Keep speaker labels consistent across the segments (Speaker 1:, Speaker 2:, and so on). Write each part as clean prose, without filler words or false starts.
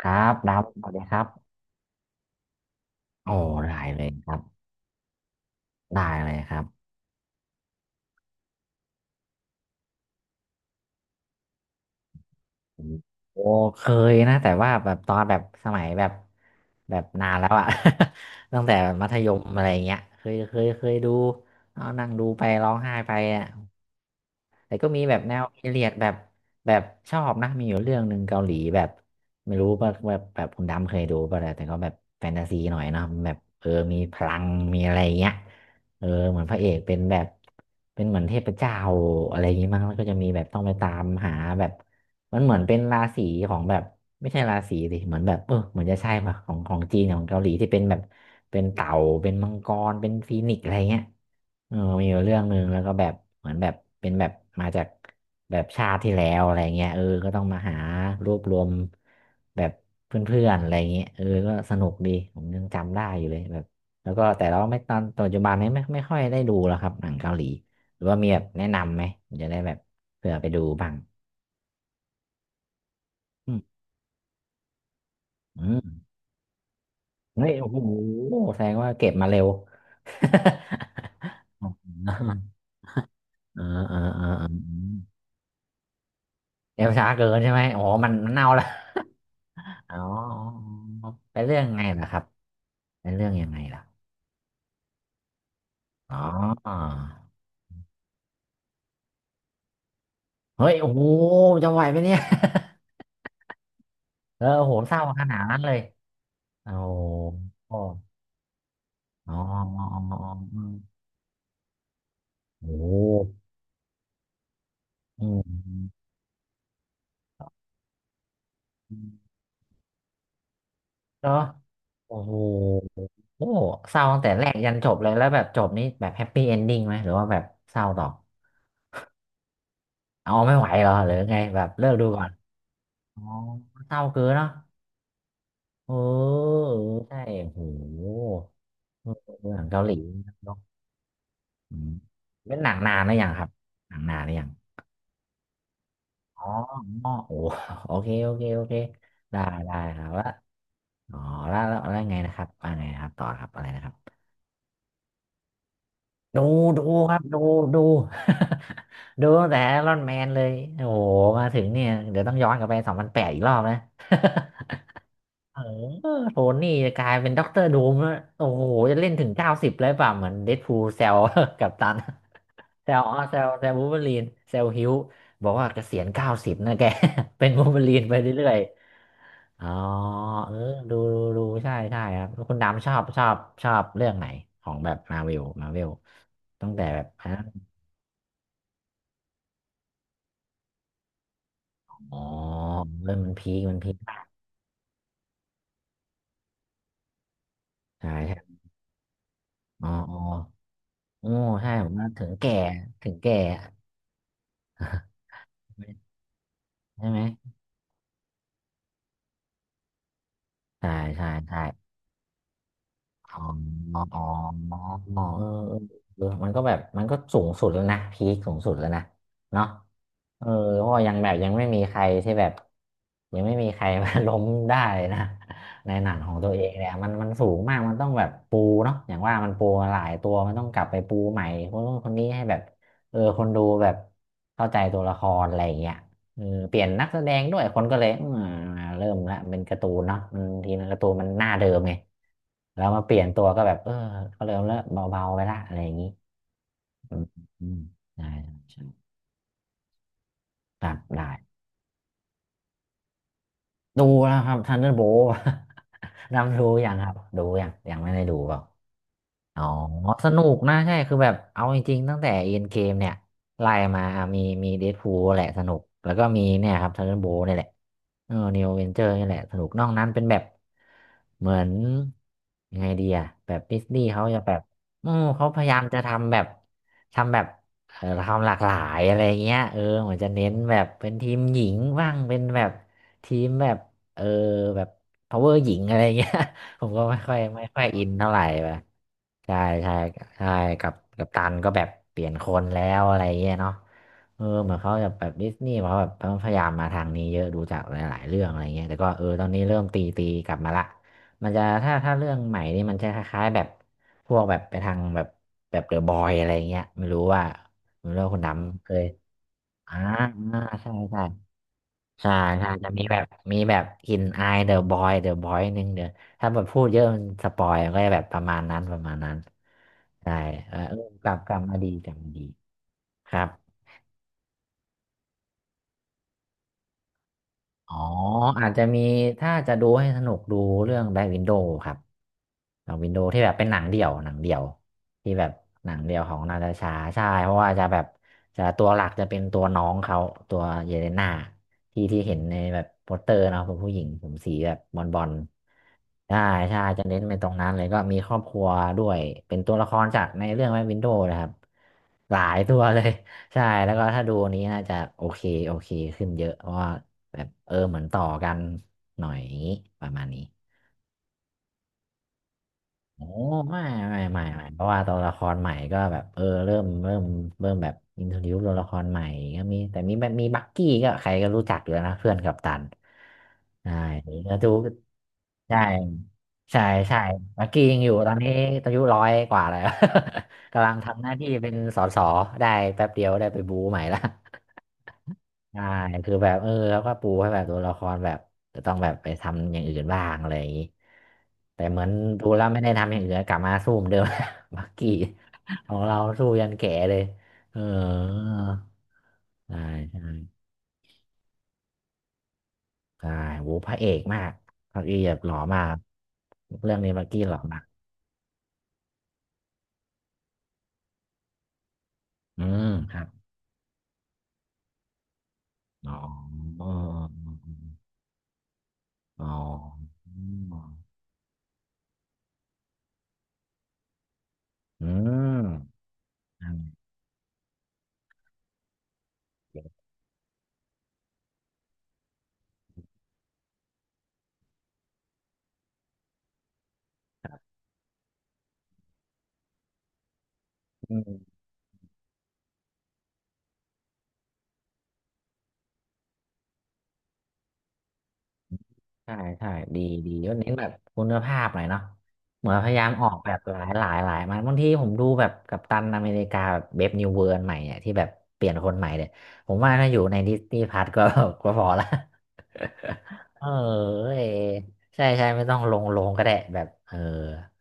Speaker 1: ครับดำสวัสดีครับโอ้ได้เลยครับได้เลยครับอืมโอ้เคยนะแต่ว่าแบบตอนแบบสมัยแบบแบบนานแล้วอะ ตั้งแต่มัธยมอะไรเงี้ยเคยดูเอานั่งดูไปร้องไห้ไปอ่ะ แต่ก็มีแบบแนวพีเรียดแบบแบบชอบนะมีอยู่เรื่องหนึ่งเกาหลีแบบไม่รู้ว่าแบบแบบคุณดำเคยดูป่ะแต่ก็แบบแฟนตาซีหน่อยเนาะแบบเออมีพลังมีอะไรอย่างเงี้ยเออเหมือนพระเอกเป็นแบบเป็นเหมือนเทพเจ้าอะไรอย่างงี้มั้งแล้วก็จะมีแบบต้องไปตามหาแบบมันเหมือนเป็นราศีของแบบไม่ใช่ราศีดิเหมือนแบบเออเหมือนจะใช่ป่ะของของจีนของเกาหลีที่เป็นแบบเป็นเต่าเป็นมังกรเป็นฟีนิกซ์อะไรเงี้ย เออมีอยู่เรื่องหนึ่งแล้วก็แบบเหมือนแบบเป็นแบบมาจากแบบชาติที่แล้วอะไรเงี้ยเออก็ต้องมาหารวบรวมแบบเพื่อนๆอะไรเงี้ยเออก็สนุกดีผมยังจำได้อยู่เลยแบบแล้วก็แต่เราไม่ตอนปัจจุบันนี้ไม่ค่อยได้ดูแล้วครับหนังเกาหลีหรือว่ามีแบบแนะนำไหมผมจะได้แบบเผื่อไปดูบ้างอืมอืมเฮ้ยโอ้โหแสดงว่าเก็บมาเร็ว อ๋อเออเออเร็วช้าเกินใช่ไหมอ๋อมันเน่าแล้ว อ๋อเป็นเรื่องไงล่ะครับเป็นเรื่องยังไงล่ะอ๋อเฮ้ยโอ้โหจะไหวไหมเนี่ย เออโอ้โหเศร้าขนาดนั้นเลยโอ้โหอ๋ออ๋ออ๋อโอ้โหอืมเนาะโอ้โหโอ้เศร้าตั้งแต่แรกยันจบเลยแล้วแบบจบนี้แบบแฮปปี้เอนดิ้งไหมหรือว่าแบบเศร้าต่อเอาไม่ไหวเหรอหรือไงแบบเลิกดูก่อนอ๋อเศร้าเกินเนาะเออเออใช่โห เออหนังเกาหลีเนาะอืมเป็นหนังนานหรือยังครับหนังนานหรือยังอ๋ออ๋อโอ้โอเค ได้ได้ครับแล้ว่าอ๋อแล้วไงนะครับว่าไงนะครับต่อครับอะไรนะครับ ดู ดูครับ ดู ดู ดูตั้งแต่รอนแมนเลย โอ้โหมาถึงเนี่ย เดี๋ยวต้องย้อนกลับไป2008อีกรอบนะ เออโทนี่จะกลายเป็นด็อกเตอร์ดูมแล้วโอ้โหจะเล่นถึงเก้าสิบเลยป่ะเหมือนเดดพูลเซล กับตัน แซวอ๋อแซววูล์ฟเวอรีนแซวฮิวบอกว่าเกษียณเก้าสิบนะแก เป็นวูล์ฟเวอรีนไปเรื่อยๆอ๋อเออดูดูใช่ครับแล้วคุณดำชอบเรื่องไหน ของแบบมาเวลมาเวลตั้งแต่แบบอ่ะอ๋อเริ่มมันพีคใช่ อ๋ออ๋อโอ้ใช่ผมว่าถึงแก่ ใช่ไหม ใช่ใช่ อ๋ออ๋อเออมันก็แบบมันก็สูงสุดแล้วนะ พีคสูงสุดแล้วนะเนาะเออเพราะว่ายังแบบยังไม่มีใครที่แบบยังไม่มีใครมา ล้มได้นะในหนังของตัวเองเนี่ยมันสูงมาก มันต้องแบบปูเนาะอย่างว่ามันปูมาหลายตัว มันต้องกลับไปปูใหม่ คนนู้นคนนี้ให้แบบเออคนดูแบบเข้าใจตัวละครอะไรอย่างเงี้ย เออเปลี่ยนนักแสดงด้วยคนก็เลยอืมเริ่มละเป็นการ์ตูนเนาะมันทีนั้นการ์ตูนมันหน้าเดิมไงแล้วมาเปลี่ยนตัวก็แบบเออก็เริ่มแล้วเบาๆไปละอะไรอย่างนี้อืมอืมได้ใช่ครับได้ดูแล้วครับทันเดอร์โบ นำดูอย่างครับดูอย่างยังไม่ได้ดูเปล่า อ๋อสนุกนะใช่คือแบบเอาจริงๆตั้งแต่เอ็นเกมเนี่ยไล่มามีเดดพูลแหละสนุกแล้วก็มีเนี่ยครับทันเดอร์โบนี่แหละเออนิวเวนเจอร์นี่แหละสนุกนอกนั้นเป็นแบบเหมือนยังไงดีอะแบบดิสนีย์เขาจะแบบอืมเขาพยายามจะทำแบบเออทำหลากหลายอะไรเงี้ยเออเหมือนจะเน้นแบบเป็นทีมหญิงบ้างเป็นแบบทีมแบบเออแบบพาวเวอร์หญิงอะไรเงี้ย ผมก็ไม่ค่อยอินเท่าไหร่ไปใช่ใช่ใช่กับตันก็แบบเปลี่ยนคนแล้วอะไรเงี้ยเนาะเออเหมือนเขาจะแบบดิสนีย์เขาแบบพยายามมาทางนี้เยอะดูจากหลายๆเรื่องอะไรเงี้ยแต่ก็เออตอนนี้เริ่มตีกลับมาละมันจะถ้าเรื่องใหม่นี่มันจะคล้ายๆแบบพวกแบบไปทางแบบแบบเดอะบอยอะไรเงี้ยไม่รู้ว่าคุณดำเคยอ่าอ่าใช่ ใช่ใช่จะมีแบบมีแบบกลิ่นอายเดอะบอยนึงเดี๋ยวถ้าแบบพูดเยอะมันสปอยก็จะแบบประมาณนั้นใช่เออกลับมาดีกลับมาดีครับอ๋ออาจจะมีถ้าจะดูให้สนุกดูเรื่องแบล็ w วินโด w ครับหนังวินโด w ที่แบบเป็นหนังเดี่ยวที่แบบหนังเดี่ยวของนาตาชาใช่เพราะว่าจะแบบจะตัวหลักจะเป็นตัวน้องเขาตัวเยเลนาที่ที่เห็นในแบบโปสเตอร์เนาะเป็นผู้หญิงผมสีแบบบอล จะเน้นไปตรงนั้นเลยก็มีครอบครัวด้วยเป็นตัวละครจากในเรื่องแม่วินโดว์นะครับหลายตัวเลย ใช่แล้วก็ถ้าดูอันนี้น่าจะโอเคโอเคขึ้นเยอะเพราะว่าแบบเออเหมือนต่อกันหน่อยอย่างนี้ประมาณนี้ โอ้ไม่ไม่เพราะว่าตัวละครใหม่ก็แบบเออเริ่มแบบอินโทรดิวตัวละครใหม่ก็มีแบบมีบักกี้ก็ใครก็รู้จักอยู่แล้วนะเพื่อนกัปตันใช่แล้วดูใช่ใช่ใช่บักกี้ยังอยู่ตอนนี้อายุร้อยกว่าแล้ว กำลังทำหน้าที่เป็นสสได้แป๊บเดียวได้ไปบู๊ใหม่ละ ใช่คือแบบเออแล้วก็ปูให้แบบตัวละครแบบจะต้องแบบไปทำอย่างอื่นบ้างอะไรอย่างนี้แต่เหมือนดูแล้วไม่ได้ทำอย่างอื่นกลับมาสู้เหมือนเดิม บักกี้ของเราสู้ยันแก่เลยเออใช่ใช่ใช่โหพระเอกมากบักกี้แบบหล่อมากเรื่องนี้บักกี้หล่อมากอืมครับอ๋ออ๋ออ๋ออืมอืม ใช่ใช่ดีดีก็เน้นแบบคุณภาพหน่อยเนาะเหมือนพยายามออกแบบหลายมันบางทีผมดูแบบกัปตันอเมริกาแบบเบฟนิวเวิร์นใหม่เนี่ยที่แบบเปลี่ยนคนใหม่เนี่ยผมว่าถ้าอยู่ในดิสนีย์พัทก็ ก็พอละ เออใช่ใช่ไม่ต้องลงก็ได้แบบเออ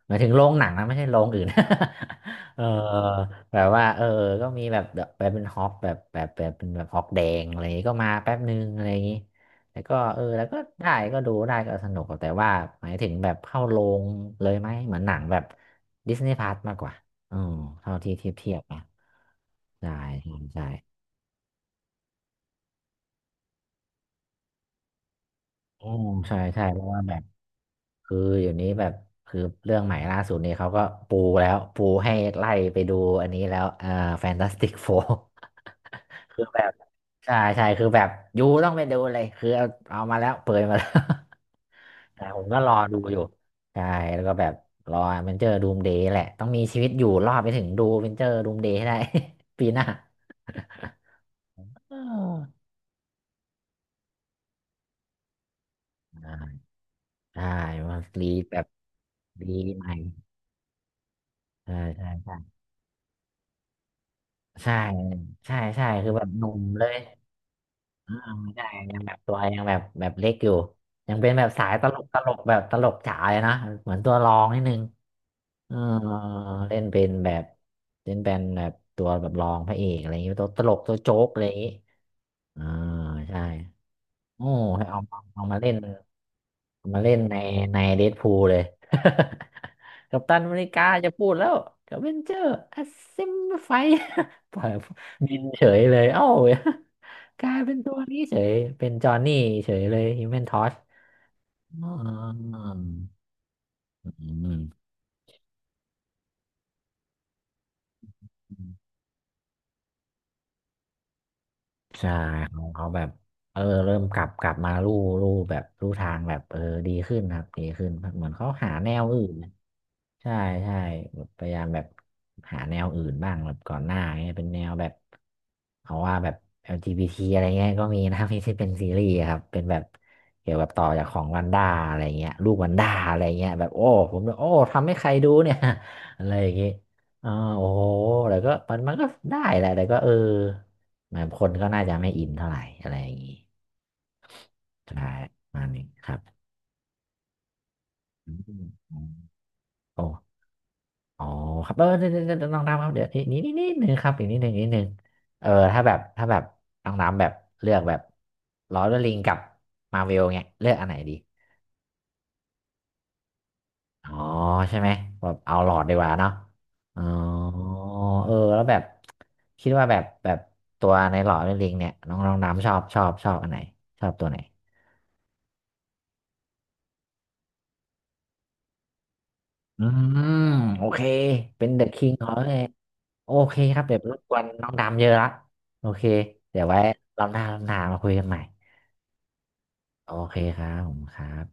Speaker 1: หมายถึงโรงหนังนะไม่ใช่โรงอื่น เออแบบว่าเออก็มีแบบเป็นฮอปแบบเป็นแบบฮอปแดงอะไรอย่างงี้ก็มาแป๊บนึงอะไรอย่างงี้แล้วก็เออแล้วก็ได้ก็ดูได้ก็สนุกแต่ว่าหมายถึงแบบเข้าโรงเลยไหมเหมือนหนังแบบดิสนีย์พาร์มากกว่าอืมเท่าที่เทียบนะใช่ใช่อืมใช่เพราะว่าแบบ คืออยู่นี้แบบคือเรื่องใหม่ล่าสุดนี้เขาก็ปูแล้วปูให้ไล่ไปดูอันนี้แล้วอ่าแฟนตาสติกโฟร์ คือแบบใช่คือแบบยูต้องไปดูเลยคือเอาเอามาแล้วเปิดมาแล้ว แต่ผมก็รอดูอยู่ใช่แล้วก็แบบรอเวนเจอร์ดูมเดย์แหละต้องมีชีวิตอยู่รอดไปถึงดูเวนเจอร์ดูมเดย์ให้ได้ ปีหน้า เออใช่มารีแบบรีใหม่ใช่ใช่ ใช่ใช่คือแบบหนุ่มเลยอ่าไม่ได้ยังแบบตัวยังแบบแบบเล็กอยู่ยังเป็นแบบสายตลกแบบตลกจ๋าเลยนะเหมือนตัวรองนิดนึงเออเล่นเป็นแบบเล่นเป็นแบบตัวแบบรองพระเอกอะไรอย่างเงี้ยตัวตลกตัวโจ๊กอะไรอย่างงี้อ่าใช่โอ้ให้เอาเอามาเล่นเอามาเล่นในในเดดพูลเลย กัปตันอเมริกาจะพูดแล้วกัป เวนเจอร์อัสซิมไฟ ปล่อยบินเฉยเลยเอ้า กลายเป็นตัวนี้เฉยเป็นจอห์นนี่เฉยเลยฮิวแมนทอสอ๋ออืมใช่เขาแบบเออเริ่มกลับมาลู่แบบลู่ทางแบบเออดีขึ้นครับดีขึ้นเหมือนเขาหาแนวอื่น ใช่ใช่แบบพยายามแบบหาแนวอื่นบ้างแบบก่อนหน้าเงี้ยเป็นแนวแบบเอาว่าแบบ LGBT อลจีบีทีอะไรเงี้ยก็มีนะ ที่ที่เป็นซีรีส์ครับเป็นแบบเกี่ยวกับต่อจากของวันด้าอะไรเงี้ยลูกวันด้าอะไรเงี้ยแบบโอ้ผมแบบโอ้ทำให้ใครดูเนี่ย อะไรอย่างงี้อ๋อโอ้โหแต่ก็มันก็ได้แหละแต่ก็เออเหมือนคนก็น่าจะไม่อินเท่าไหร่อะไรอย่างงี้ใช่ประมาณนี้ครับอืมโอ้ อ๋อครับเออเนี่ยน้องน้ำครับเดี๋ยวนี่นิดนึงครับอีกนิดนึงนิดนึงเออถ้าแบบน้องน้ำแบบเลือกแบบลอร์ดลิงกับมาเวลเงี้ยเลือกอันไหนดีอ๋อใช่ไหมแบบเอาหลอดดีกว่าเนาะอ๋อเออแล้วแบบคิดว่าแบบตัวในหลอด์ดลิงเนี่ยน้องน้องน้ำชอบอันไหนชอบตัวไหนอืมโอเคเป็นเดอะคิงของเลยโอเคครับเดี๋ยวรบกวนน้องดำเยอะละโอเคเดี๋ยวไว้รอบหน้ามาคุยกันใหม่ โอเคครับผมครับ